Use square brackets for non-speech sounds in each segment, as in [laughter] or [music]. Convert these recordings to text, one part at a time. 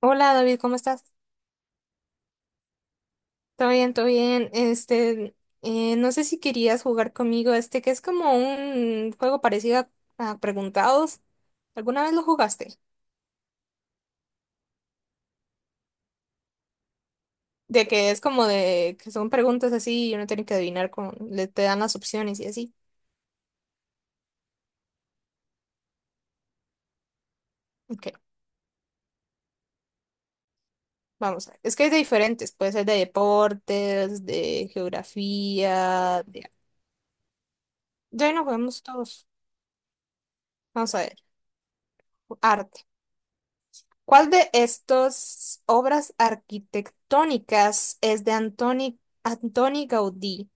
Hola, David, ¿cómo estás? Todo bien, todo bien. Este, no sé si querías jugar conmigo, este, que es como un juego parecido a Preguntados. ¿Alguna vez lo jugaste? De que es como de que son preguntas así y uno tiene que adivinar con, le te dan las opciones y así. Ok, vamos a ver. Es que es de diferentes, puede ser de deportes, de geografía, de... Ya no jugamos todos. Vamos a ver. Arte. ¿Cuál de estas obras arquitectónicas es de Antoni Gaudí?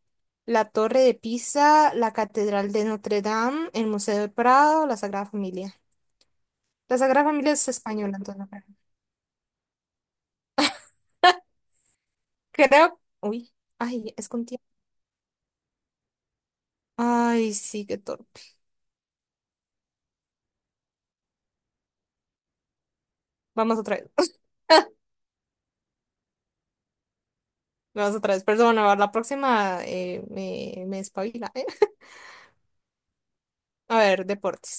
La Torre de Pisa, la Catedral de Notre Dame, el Museo del Prado, la Sagrada Familia. La Sagrada Familia es española, entonces no creo. Creo. Uy, ay, es con tiempo. Ay, sí, qué torpe. Vamos otra vez. [laughs] Vamos otra vez. Perdón, a ver, la próxima me espabila, ¿eh? A ver, deportes.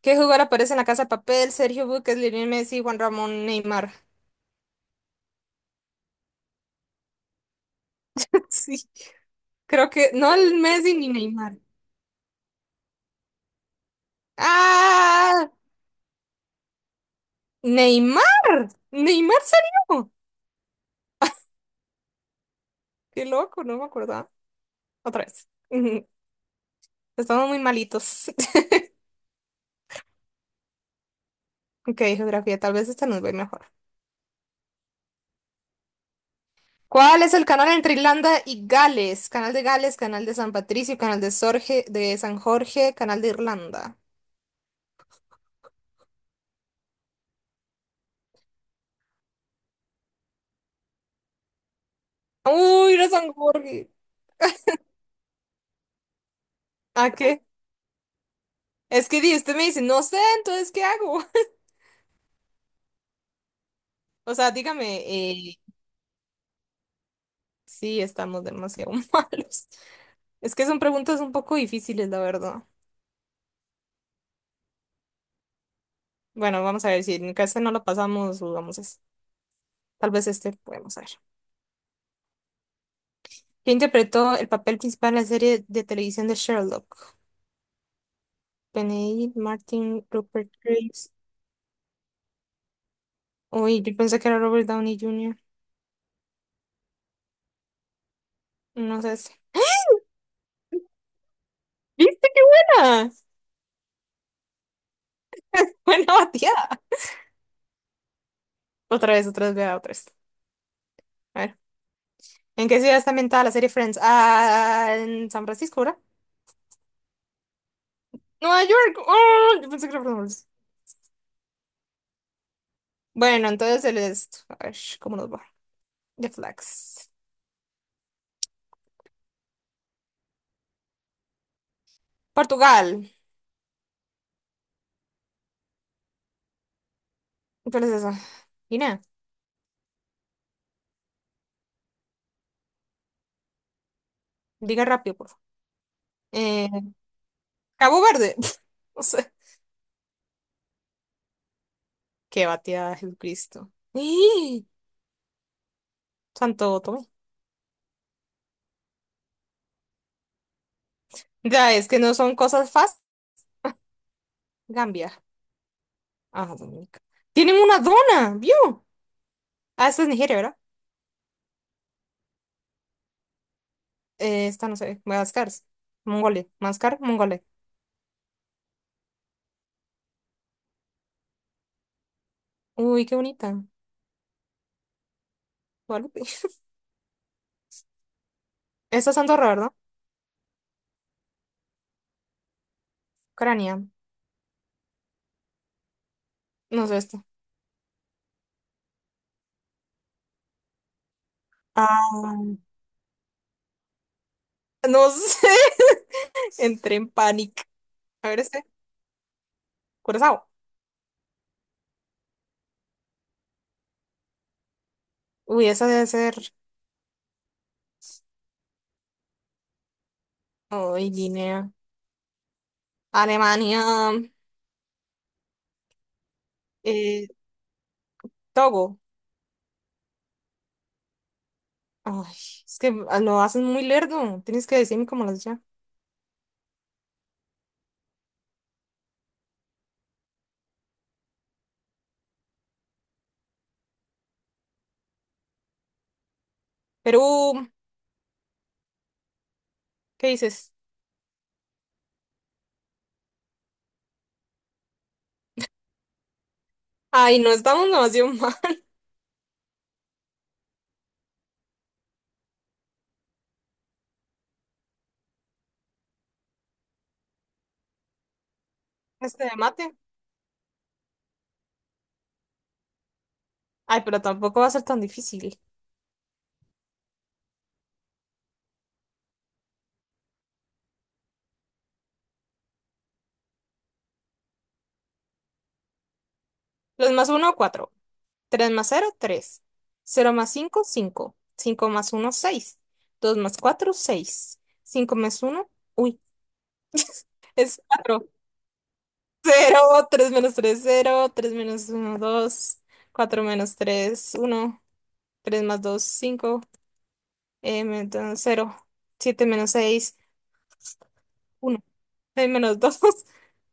¿Qué jugador aparece en la Casa de Papel? Sergio Busquets, Lionel Messi, Juan Ramón, Neymar. [laughs] Sí. Creo que no el Messi ni Neymar. ¡Ah! ¡Neymar! ¡Neymar salió! ¡Qué loco! No me acordaba. Otra vez. Ujú. Estamos muy malitos. [laughs] Ok, geografía, tal vez esta nos ve mejor. ¿Cuál es el canal entre Irlanda y Gales? Canal de Gales, canal de San Patricio, canal de, de San Jorge, canal de Irlanda. Uy, era San Jorge. ¿A qué? Es que usted me dice, no sé, entonces, ¿qué hago? [laughs] O sea, dígame, sí, estamos demasiado [laughs] malos. Es que son preguntas un poco difíciles, la verdad. Bueno, vamos a ver si en este no lo pasamos, jugamos es... tal vez este podemos ver. ¿Quién interpretó el papel principal en la serie de televisión de Sherlock? Benedict Martin, Rupert Graves. Uy, yo pensé que era Robert Downey Jr. No sé si. ¿Viste qué buena? [laughs] Buena bateada. Otra vez, vea, otra vez. A ver. ¿En qué ciudad está ambientada la serie Friends? Ah, ¿en San Francisco, ¿verdad? Nueva York. Oh, yo pensé que era Friends. Bueno, entonces el este. A ver, ¿cómo nos va? The Flags. Portugal. ¿Cuál es esa? Guinea. Diga rápido, por favor. Eh, Cabo Verde. [laughs] No sé. Qué batida, Jesucristo. Y Santo Tomé. Ya, es que no son cosas fáciles. Gambia. Ah, Dominica. Tienen una dona, ¿vio? Ah, esta es Nigeria, ¿verdad? Esta no sé. Madagascar. Mongolia. Madagascar, Mongolia. Uy, qué bonita. Guadalupe. Esta es Andorra, ¿verdad? Ucrania. No sé esta. Ah. No sé. [laughs] Entré en pánico. A ver, este. Curazao. Uy, esa debe ser. Ay, Guinea. Alemania. Eh, Togo. Ay, es que lo hacen muy lerdo. Tienes que decirme cómo las ya. Perú. ¿Qué dices? Ay, no, estamos demasiado mal. [laughs] Este de mate. Ay, pero tampoco va a ser tan difícil. Los más uno, cuatro. Tres más cero, tres. Cero más cinco, cinco. Cinco más uno, seis. Dos más cuatro, seis. Cinco más uno. Es cuatro. Cero tres menos tres, cero. Tres menos uno, dos. Cuatro menos tres, uno. Tres más dos, cinco. Menos 0, 7 menos seis, uno. Seis menos [laughs] dos,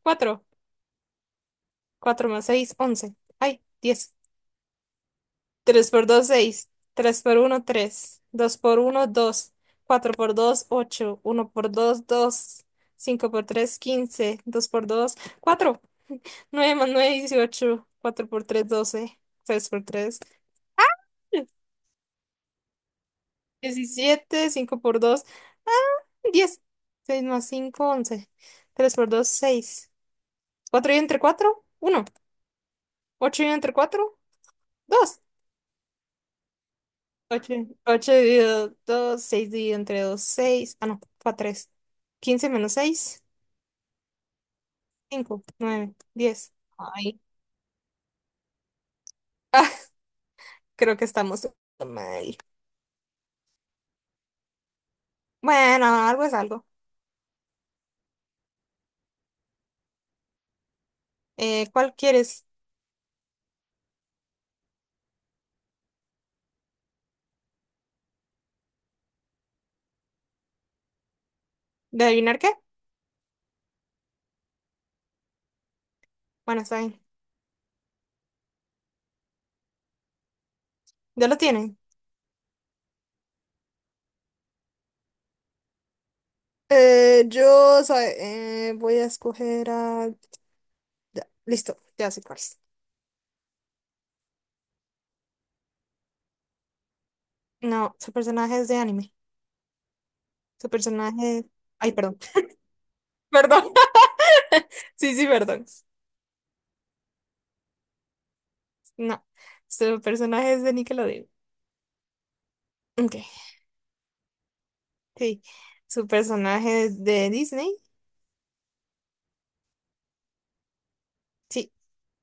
cuatro. Cuatro más seis, once, ay, diez. Tres por dos, seis. Tres por uno, tres. Dos por uno, dos. Cuatro por dos, ocho. Uno por dos, dos. Cinco por tres, quince. Dos por dos, cuatro. Nueve más nueve, dieciocho. Cuatro por tres, doce. Seis por tres, diecisiete. Cinco por 2, diez. Seis más cinco, once. Tres por dos, seis. Cuatro y entre cuatro, uno. Ocho y entre cuatro, dos. Ocho. Ocho dividido dos, 6 dividido entre dos, seis. Ah, no, fue tres. Quince menos seis, cinco. Nueve, diez. Ay, [laughs] ah, creo que estamos mal. Bueno, algo es algo. ¿Cuál quieres? ¿De adivinar qué? Bueno, está bien. Ya lo tienen. Voy a escoger a... ya, listo, ya sé cuál es. No, su personaje es de anime. Su personaje. Ay, perdón. [laughs] Perdón. [laughs] Sí, sí, perdón. No, su personaje es de Nickelodeon. Ok, sí. Su personaje es de Disney. Sí.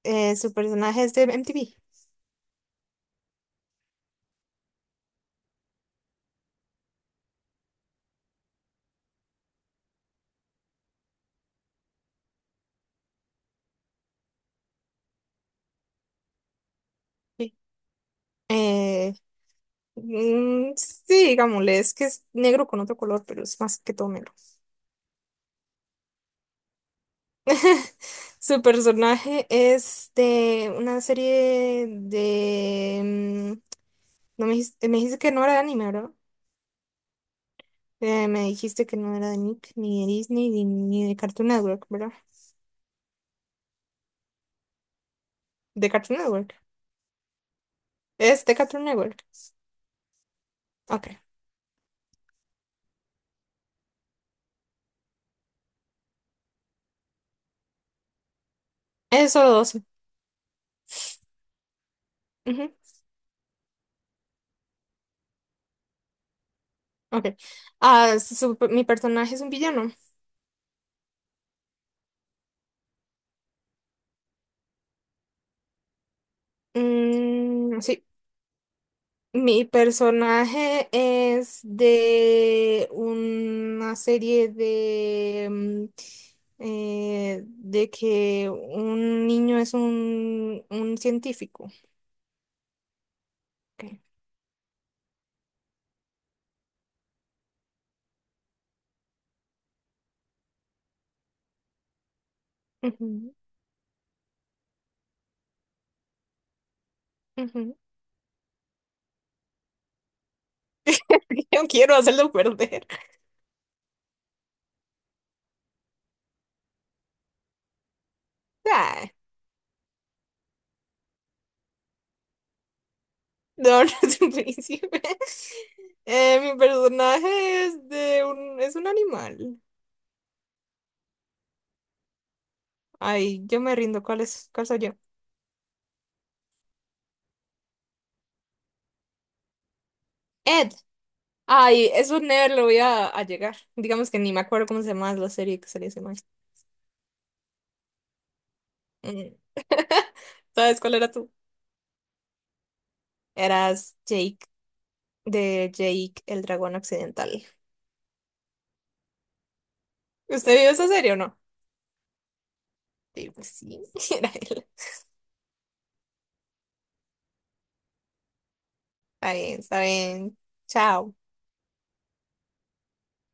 Su personaje es de MTV. Sí. Eh, mm, sí, digámosle, es que es negro con otro color, pero es más que todo negro. [laughs] Su personaje es de una serie de... mm, no me dijiste, me dijiste que no era de anime, ¿verdad? Me dijiste que no era de Nick, ni de Disney, ni de Cartoon Network, ¿verdad? De Cartoon Network. Es de Cartoon Network. Ok. Es solo 12. Ujú, ok. Ah, mi personaje es un villano. Mm, sí. Mi personaje es de una serie de... mm, de que un niño es un científico. Ok. Ujú. Ujú. [laughs] Yo quiero hacerlo perder. [laughs] Ah, no, no es un príncipe. [laughs] Mi personaje es de un, es un animal. Ay, yo me rindo. ¿Cuál es, cuál soy yo? Ed. Ay, eso never lo voy a llegar. Digamos que ni me acuerdo cómo se llama la serie que salía ese man. Mm. [laughs] ¿Sabes cuál era tú? Eras Jake, de Jake el dragón occidental. ¿Usted vio esa serie o no? Sí, pues sí, [laughs] era él. Está bien, está bien. Chao.